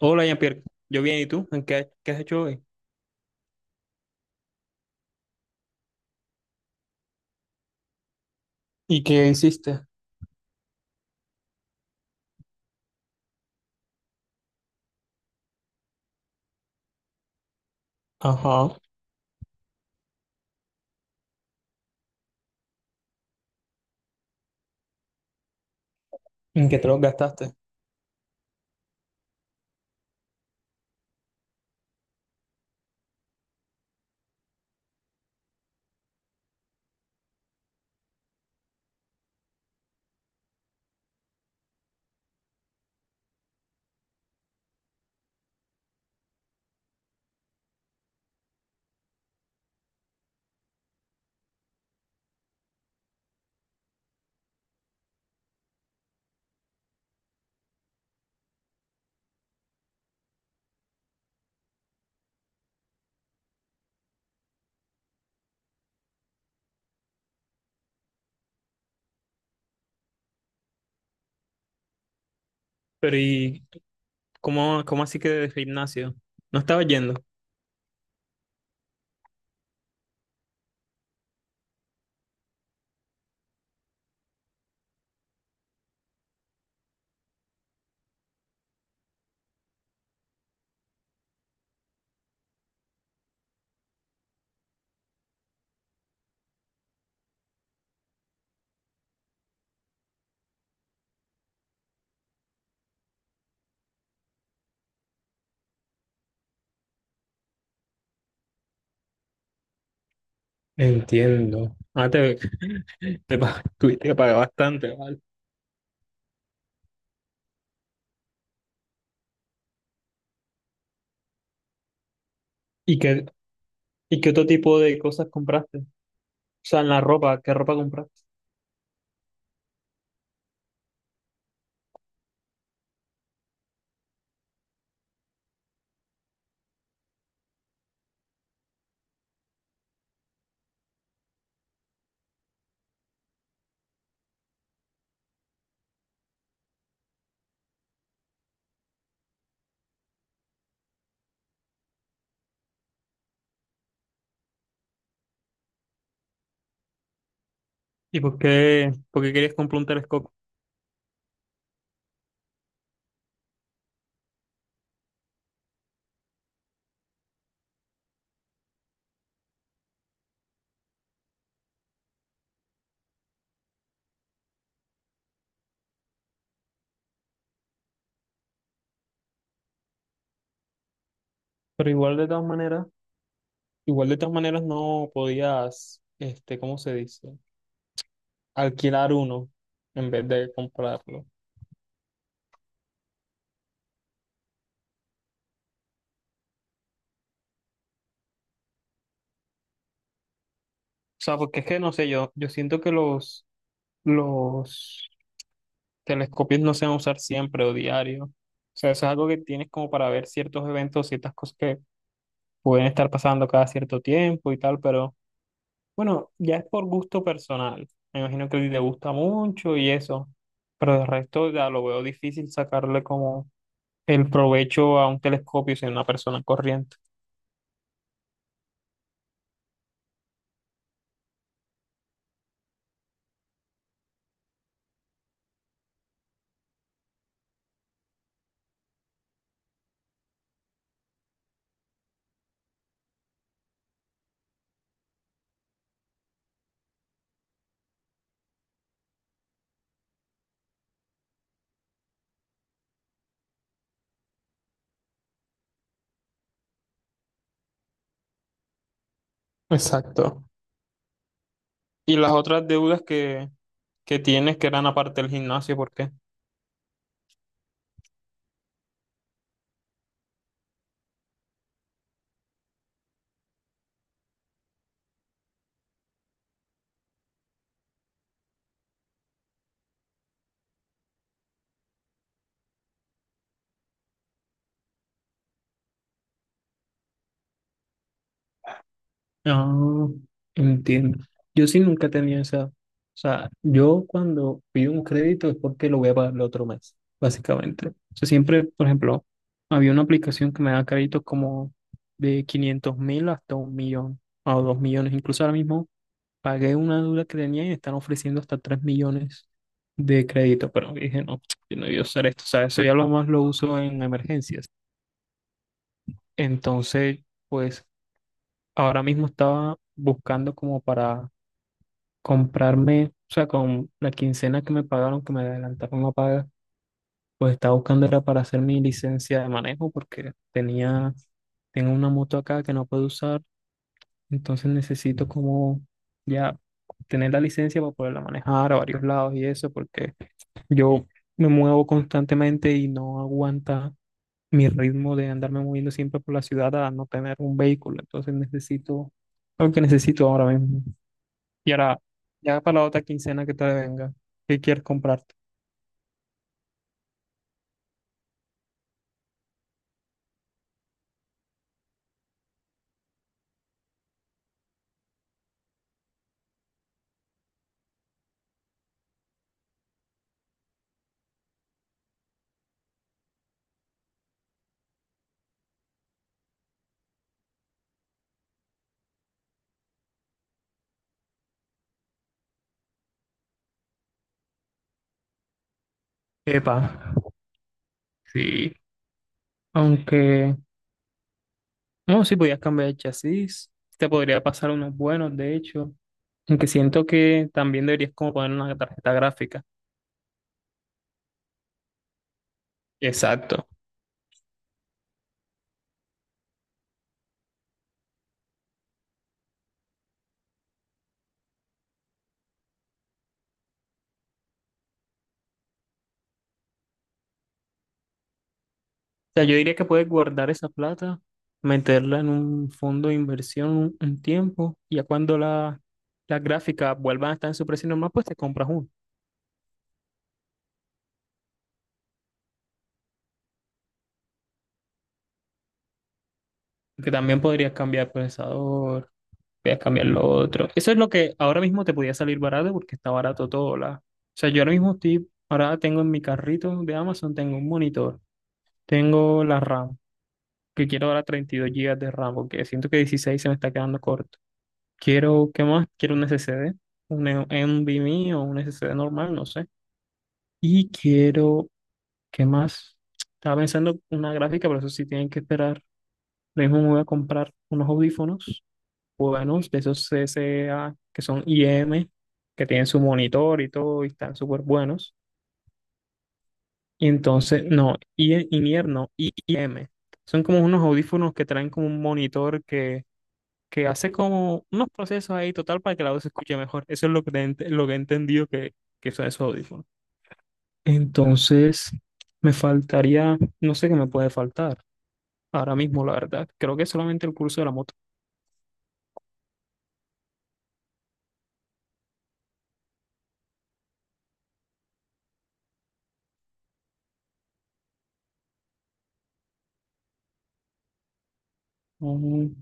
Hola, Jean-Pierre. Yo bien, ¿y tú? ¿En qué has hecho hoy? ¿Y qué hiciste? Ajá. ¿En qué te lo gastaste? Pero ¿y cómo así que de gimnasio? ¿No estaba yendo? Entiendo. Ah, tuviste que pagar bastante, ¿vale? ¿Y y qué otro tipo de cosas compraste? O sea, en la ropa, ¿qué ropa compraste? ¿Y por qué querías comprar un telescopio? Pero igual de todas maneras, igual de todas maneras no podías, este, ¿cómo se dice? Alquilar uno en vez de comprarlo. O sea, porque es que no sé, yo siento que los telescopios no se van a usar siempre o diario. O sea, eso es algo que tienes como para ver ciertos eventos, ciertas cosas que pueden estar pasando cada cierto tiempo y tal, pero bueno, ya es por gusto personal. Me imagino que a ti te gusta mucho y eso, pero de resto ya lo veo difícil sacarle como el provecho a un telescopio sin una persona corriente. Exacto. Y las otras deudas que tienes que eran aparte del gimnasio, ¿por qué? Ah, entiendo. Yo sí nunca tenía esa. O sea, yo cuando pido un crédito es porque lo voy a pagar el otro mes, básicamente. O sea, siempre, por ejemplo, había una aplicación que me da créditos como de 500.000 hasta 1 millón o 2 millones. Incluso ahora mismo pagué una deuda que tenía y me están ofreciendo hasta 3 millones de crédito. Pero dije, no, yo no voy a usar esto. O sea, eso ya lo más lo uso en emergencias. Entonces, pues ahora mismo estaba buscando como para comprarme, o sea, con la quincena que me pagaron, que me adelantaron la paga, pues estaba buscando era para hacer mi licencia de manejo porque tenía, tengo una moto acá que no puedo usar, entonces necesito como ya tener la licencia para poderla manejar a varios lados y eso, porque yo me muevo constantemente y no aguanta mi ritmo de andarme moviendo siempre por la ciudad a no tener un vehículo, entonces necesito algo que necesito ahora mismo. Y ahora, ya para la otra quincena que te venga, ¿qué quieres comprarte? Epa, sí. Aunque, no, sí, podías cambiar el chasis. Te podría pasar unos buenos, de hecho. Aunque siento que también deberías como poner una tarjeta gráfica. Exacto. O sea, yo diría que puedes guardar esa plata, meterla en un fondo de inversión un tiempo, y ya cuando la, las gráficas vuelvan a estar en su precio normal, pues te compras uno. Que también podrías cambiar el procesador voy a cambiar lo otro. Eso es lo que ahora mismo te podía salir barato porque está barato todo. La... O sea, yo ahora mismo estoy, ahora tengo en mi carrito de Amazon, tengo un monitor, tengo la RAM, que quiero ahora 32 gigas de RAM porque siento que 16 se me está quedando corto. Quiero, ¿qué más? Quiero un SSD, un NVMe o un SSD normal, no sé. Y quiero, ¿qué más? Estaba pensando una gráfica, pero eso sí tienen que esperar. Lo mismo me voy a comprar unos audífonos buenos, de esos C C A que son I M, que tienen su monitor y todo, y están súper buenos. Y entonces, no, in-ear no, I M. Son como unos audífonos que traen como un monitor que hace como unos procesos ahí total para que la voz se escuche mejor. Eso es lo que, lo que he entendido que son esos audífonos. Entonces, me faltaría, no sé qué me puede faltar ahora mismo, la verdad. Creo que solamente el curso de la moto. Mm.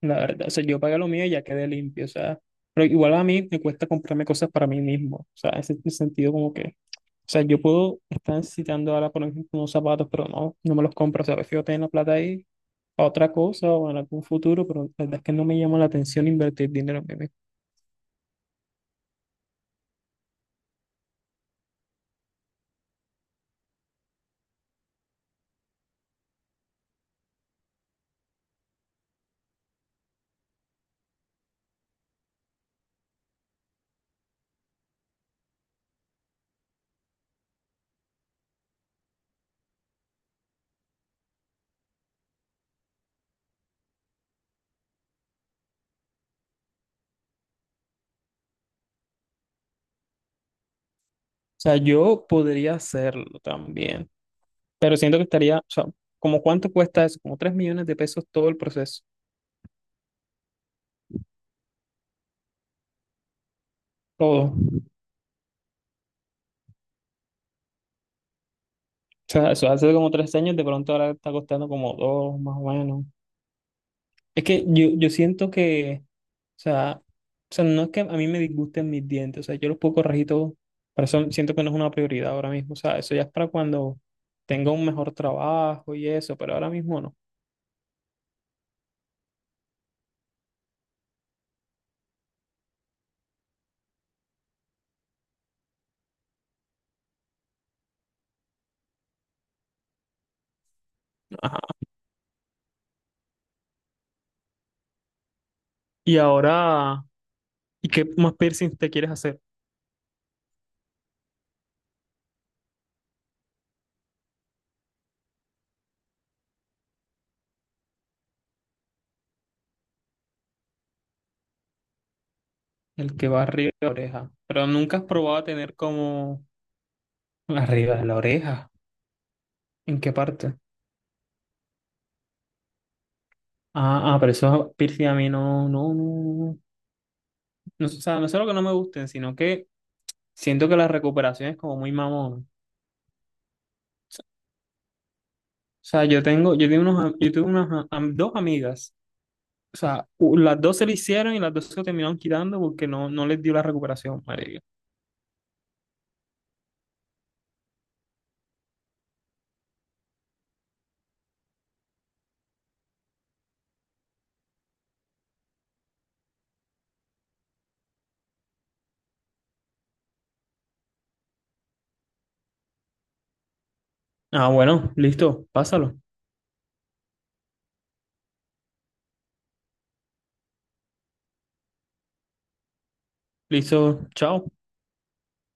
La verdad, o sea, yo pagué lo mío y ya quedé limpio, o sea, pero igual a mí me cuesta comprarme cosas para mí mismo, o sea, ese es el sentido como que, o sea, yo puedo estar necesitando ahora, por ejemplo, unos zapatos, pero no me los compro, o sea, prefiero tener la plata ahí para otra cosa o en algún futuro, pero la verdad es que no me llama la atención invertir dinero en mí mismo. O sea, yo podría hacerlo también, pero siento que estaría, o sea, como cuánto cuesta eso, como 3 millones de pesos todo el proceso, todo. O sea, eso hace como 3 años, de pronto ahora está costando como dos, más o menos. Es que yo siento que, o sea, no es que a mí me disgusten mis dientes, o sea, yo los puedo corregir todo, pero eso siento que no es una prioridad ahora mismo, o sea, eso ya es para cuando tenga un mejor trabajo y eso, pero ahora mismo no. Ajá. Y ahora, ¿y qué más piercing te quieres hacer? El que va arriba de la oreja, pero nunca has probado a tener como arriba de la oreja, ¿en qué parte? Ah, ah, pero eso piercing a mí no, no, no, no, no, o sea, no es solo que no me gusten, sino que siento que la recuperación es como muy mamón. O sea, yo tengo unos, yo tuve unas dos amigas. O sea, las dos se le hicieron y las dos se lo terminaron quitando porque no les dio la recuperación, marica. Ah, bueno, listo, pásalo. Listo, chao.